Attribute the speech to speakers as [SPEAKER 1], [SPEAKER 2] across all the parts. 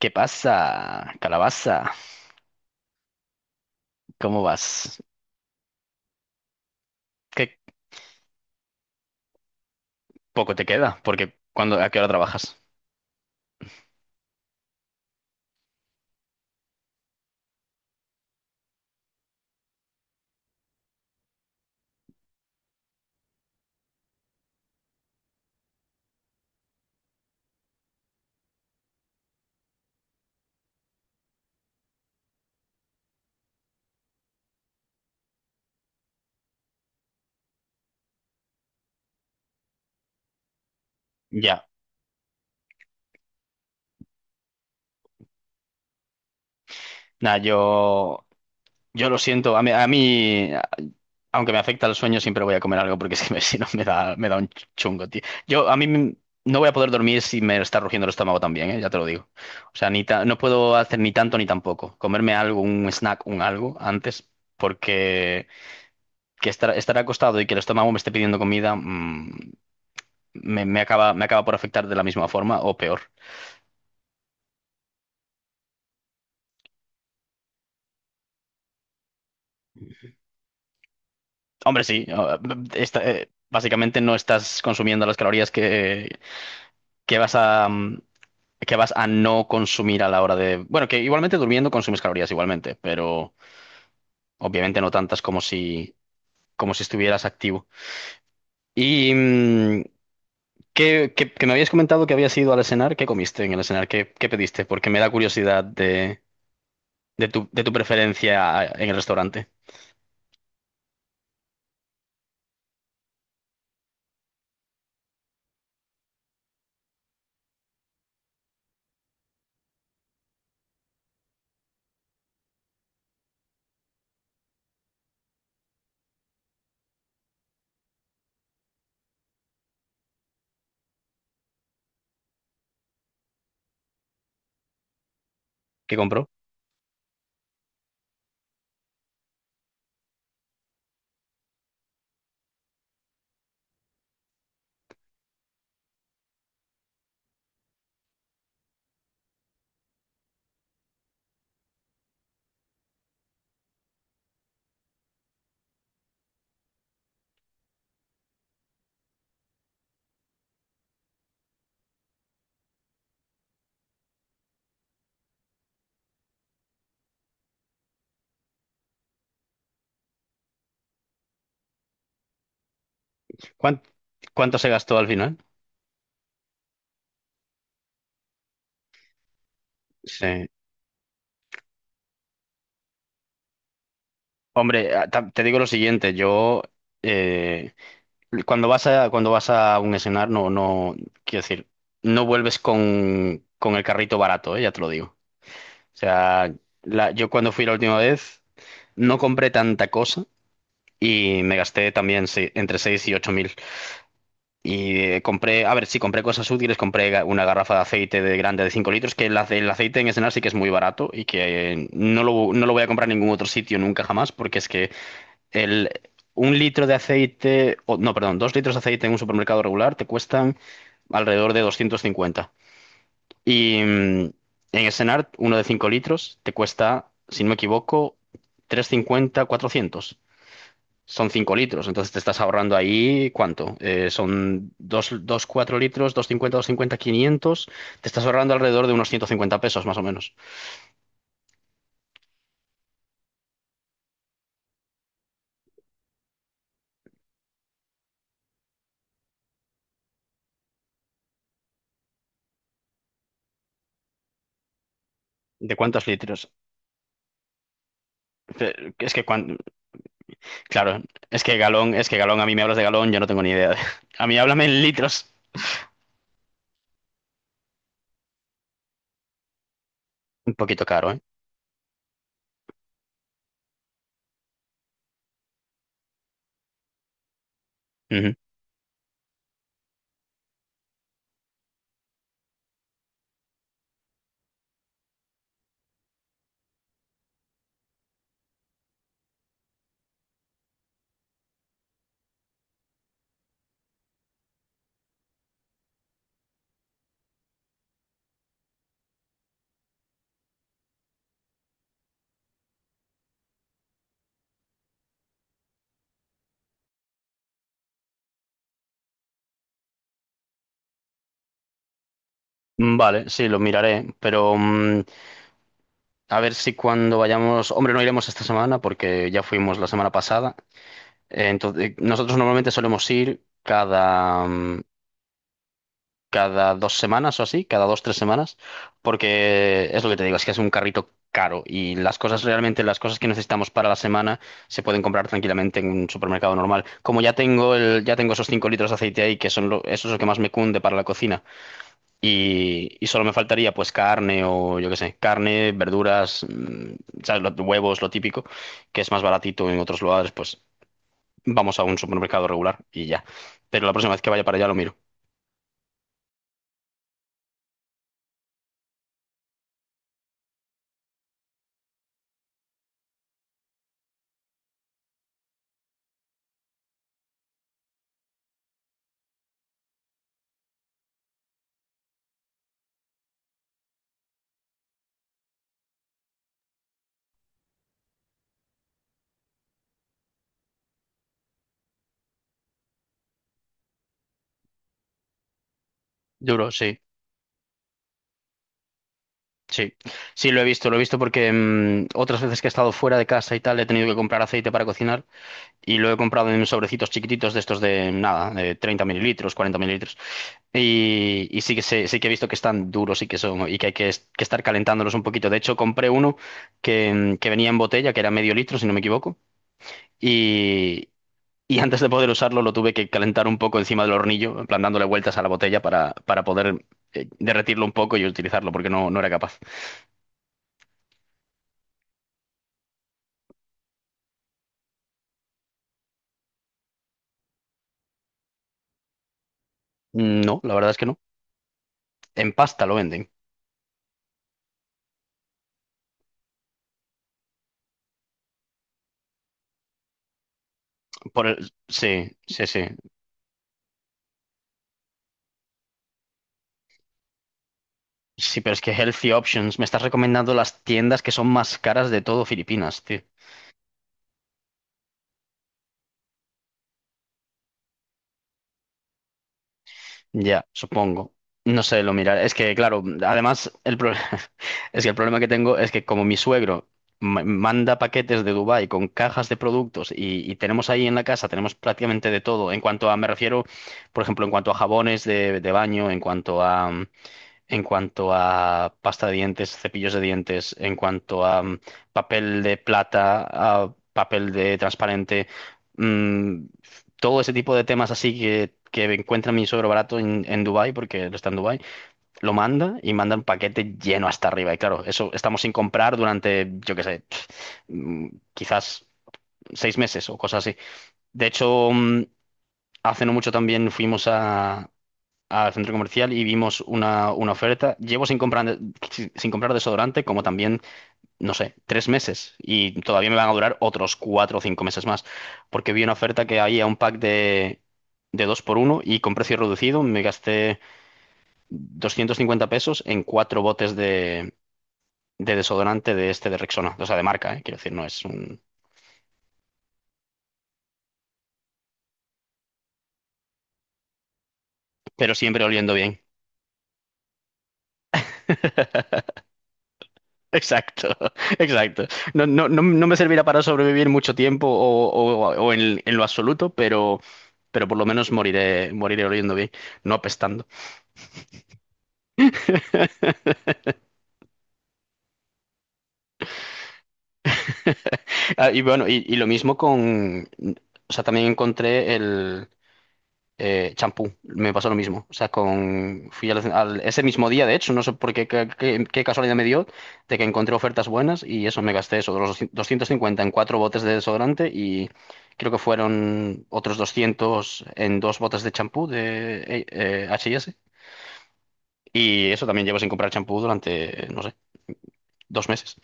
[SPEAKER 1] ¿Qué pasa, calabaza? ¿Cómo vas? ¿Qué poco te queda? Porque cuando, ¿a qué hora trabajas? Ya. Nada, yo lo siento. A mí, aunque me afecta el sueño, siempre voy a comer algo porque es que me- si no me da, me da un chungo, tío. Yo, a mí m- no voy a poder dormir si me está rugiendo el estómago también, ¿eh? Ya te lo digo. O sea, ni ta- no puedo hacer ni tanto ni tampoco. Comerme algo, un snack, un algo antes, porque que estar, estar acostado y que el estómago me esté pidiendo comida, me, me acaba por afectar de la misma forma o peor. Hombre, sí, o- esta- básicamente no estás consumiendo las calorías que vas a, que vas a no consumir a la hora de... Bueno, que igualmente durmiendo consumes calorías igualmente, pero obviamente no tantas como si estuvieras activo. Y ¿qué, qué- que me habías comentado que habías ido al escenar, ¿qué comiste en el escenar? ¿Qué, qué pediste? Porque me da curiosidad de tu preferencia en el restaurante. ¿Qué compró? ¿Cuán- ¿Cuánto se gastó al final? Sí. Hombre, a- ta- te digo lo siguiente, yo eh, cuando vas a un escenario, no quiero decir, no vuelves con el carrito barato, ya te lo digo. O sea, la- yo cuando fui la última vez no compré tanta cosa y me gasté también se- entre 6 y 8 mil. Y compré, a ver, sí, compré cosas útiles, compré ga- una garrafa de aceite de grande de 5 litros, que el, ace- el aceite en escenario sí que es muy barato y que no lo, no lo voy a comprar en ningún otro sitio nunca jamás, porque es que el, un litro de aceite, o, no, perdón, dos litros de aceite en un supermercado regular te cuestan alrededor de 250. Y en Essenart, uno de 5 litros te cuesta, si no me equivoco, 350 400. Son 5 litros, entonces te estás ahorrando ahí, ¿cuánto? Son dos 4 litros, 250, cincuenta quinientos. Te estás ahorrando alrededor de unos 150 pesos más o menos. ¿De cuántos litros? Fe- Es que cuando, claro, es que galón, a mí me hablas de galón, yo no tengo ni idea de- A mí háblame en litros. Un poquito caro, ¿eh? Ujú. Vale, sí, lo miraré, pero a ver si cuando vayamos... Hombre, no iremos esta semana porque ya fuimos la semana pasada. Entonces, nosotros normalmente solemos ir cada... cada dos semanas o así, cada dos, tres semanas, porque es lo que te digo, es que es un carrito caro y las cosas realmente, las cosas que necesitamos para la semana se pueden comprar tranquilamente en un supermercado normal. Como ya tengo el, ya tengo esos 5 litros de aceite ahí, que son lo, eso es lo que más me cunde para la cocina, y solo me faltaría pues carne o yo qué sé, carne, verduras, ¿sabes? Lo- huevos, lo típico, que es más baratito en otros lugares, pues vamos a un supermercado regular y ya. Pero la próxima vez que vaya para allá lo miro. Duro, sí. Sí, sí, lo he visto porque otras veces que he estado fuera de casa y tal, he tenido que comprar aceite para cocinar y lo he comprado en sobrecitos chiquititos de estos de nada, de 30 ml, 40 ml. Y sí que sé- sí que he visto que están duros y que son, y que hay que, es- que estar calentándolos un poquito. De hecho, compré uno que, que venía en botella, que era medio litro, si no me equivoco, y, y antes de poder usarlo lo tuve que calentar un poco encima del hornillo, en plan dándole vueltas a la botella para poder derretirlo un poco y utilizarlo, porque no, no era capaz. No, la verdad es que no. En pasta lo venden. Por el... Sí, sí, sí. Sí, pero es que Healthy Options me estás recomendando las tiendas que son más caras de todo Filipinas, tío. Ya, supongo. No sé, lo miraré. Es que, claro, además, el pro- es que el problema que tengo es que como mi suegro ma- manda paquetes de Dubái con cajas de productos y tenemos ahí en la casa, tenemos prácticamente de todo. En cuanto a, me refiero, por ejemplo, en cuanto a jabones de baño, en cuanto a pasta de dientes, cepillos de dientes, en cuanto a papel de plata, a papel de transparente, mm, todo ese tipo de temas así que encuentra mi suegro barato en Dubái, porque él está en Dubái, lo manda y manda un paquete lleno hasta arriba. Y claro, eso estamos sin comprar durante, yo qué sé, pf, mm, quizás seis meses o cosas así. De hecho, hace no mucho también fuimos a, al centro comercial y vimos una oferta. Llevo sin comprar, sin comprar desodorante como también, no sé, tres meses y todavía me van a durar otros cuatro o cinco meses más porque vi una oferta que había un pack de dos por uno y con precio reducido me gasté 250 pesos en cuatro botes de desodorante de este de Rexona, o sea, de marca, quiero decir, no es un... pero siempre oliendo bien. Exacto, exacto. No, no, no, no me servirá para sobrevivir mucho tiempo o en lo absoluto, pero por lo menos moriré, moriré oliendo bien, no apestando. Ah, y bueno, y lo mismo con, o sea, también encontré el, champú, me pasó lo mismo. O sea, con, fui al, al- ese mismo día, de hecho, no sé por qué, qué, qué- qué casualidad me dio, de que encontré ofertas buenas y eso, me gasté eso, los 250 en cuatro botes de desodorante y creo que fueron otros 200 en dos botes de champú de H&S. Y eso también llevo sin comprar champú durante, no sé, dos meses.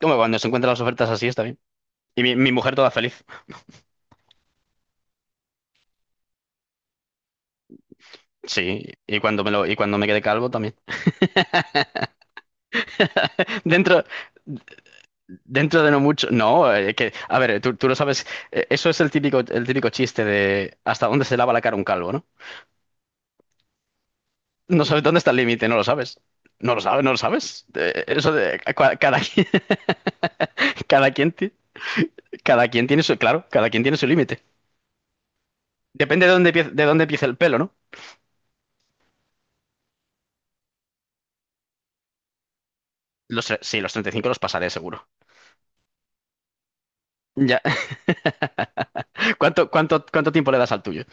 [SPEAKER 1] Como cuando se encuentran las ofertas así, está bien. Y mi mujer toda feliz. Sí, y cuando me lo, y cuando me quedé calvo también. Dentro. Dentro de no mucho, no, que, a ver, tú lo sabes, eso es el típico chiste de hasta dónde se lava la cara un calvo, ¿no? No sabes dónde está el límite, no lo sabes. No lo sabes, no lo sabes. Eso de cua- cada, quien- cada quien, ti- cada quien tiene su, claro, cada quien tiene su límite. Depende de dónde, empie- de dónde empiece el pelo, ¿no? Los, tre- sí, los 35 los pasaré seguro. Ya. ¿Cuánto, cuánto, cuánto tiempo le das al tuyo?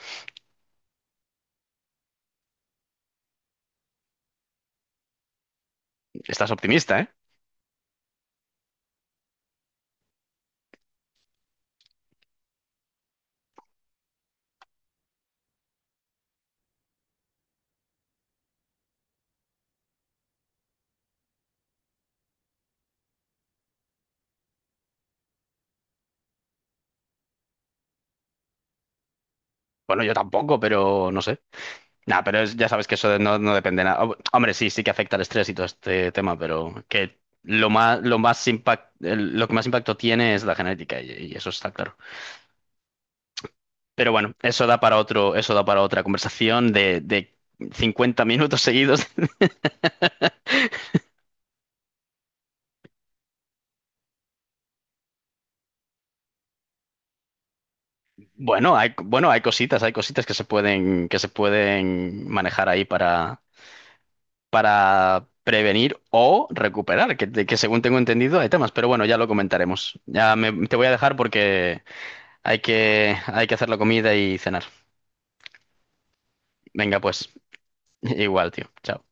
[SPEAKER 1] Estás optimista, ¿eh? Bueno, yo tampoco, pero no sé. No, pero es- ya sabes que eso no, no depende nada. Hom- Hombre, sí, sí que afecta el estrés y todo este tema, pero que lo más impact, el- lo que más impacto tiene es la genética y eso está claro. Pero bueno, eso da para otro, eso da para otra conversación de 50 minutos seguidos. Bueno, hay cositas que se pueden manejar ahí para prevenir o recuperar, que según tengo entendido hay temas, pero bueno, ya lo comentaremos. Ya me- te voy a dejar porque hay que, hay que hacer la comida y cenar. Venga, pues, igual, tío. Chao.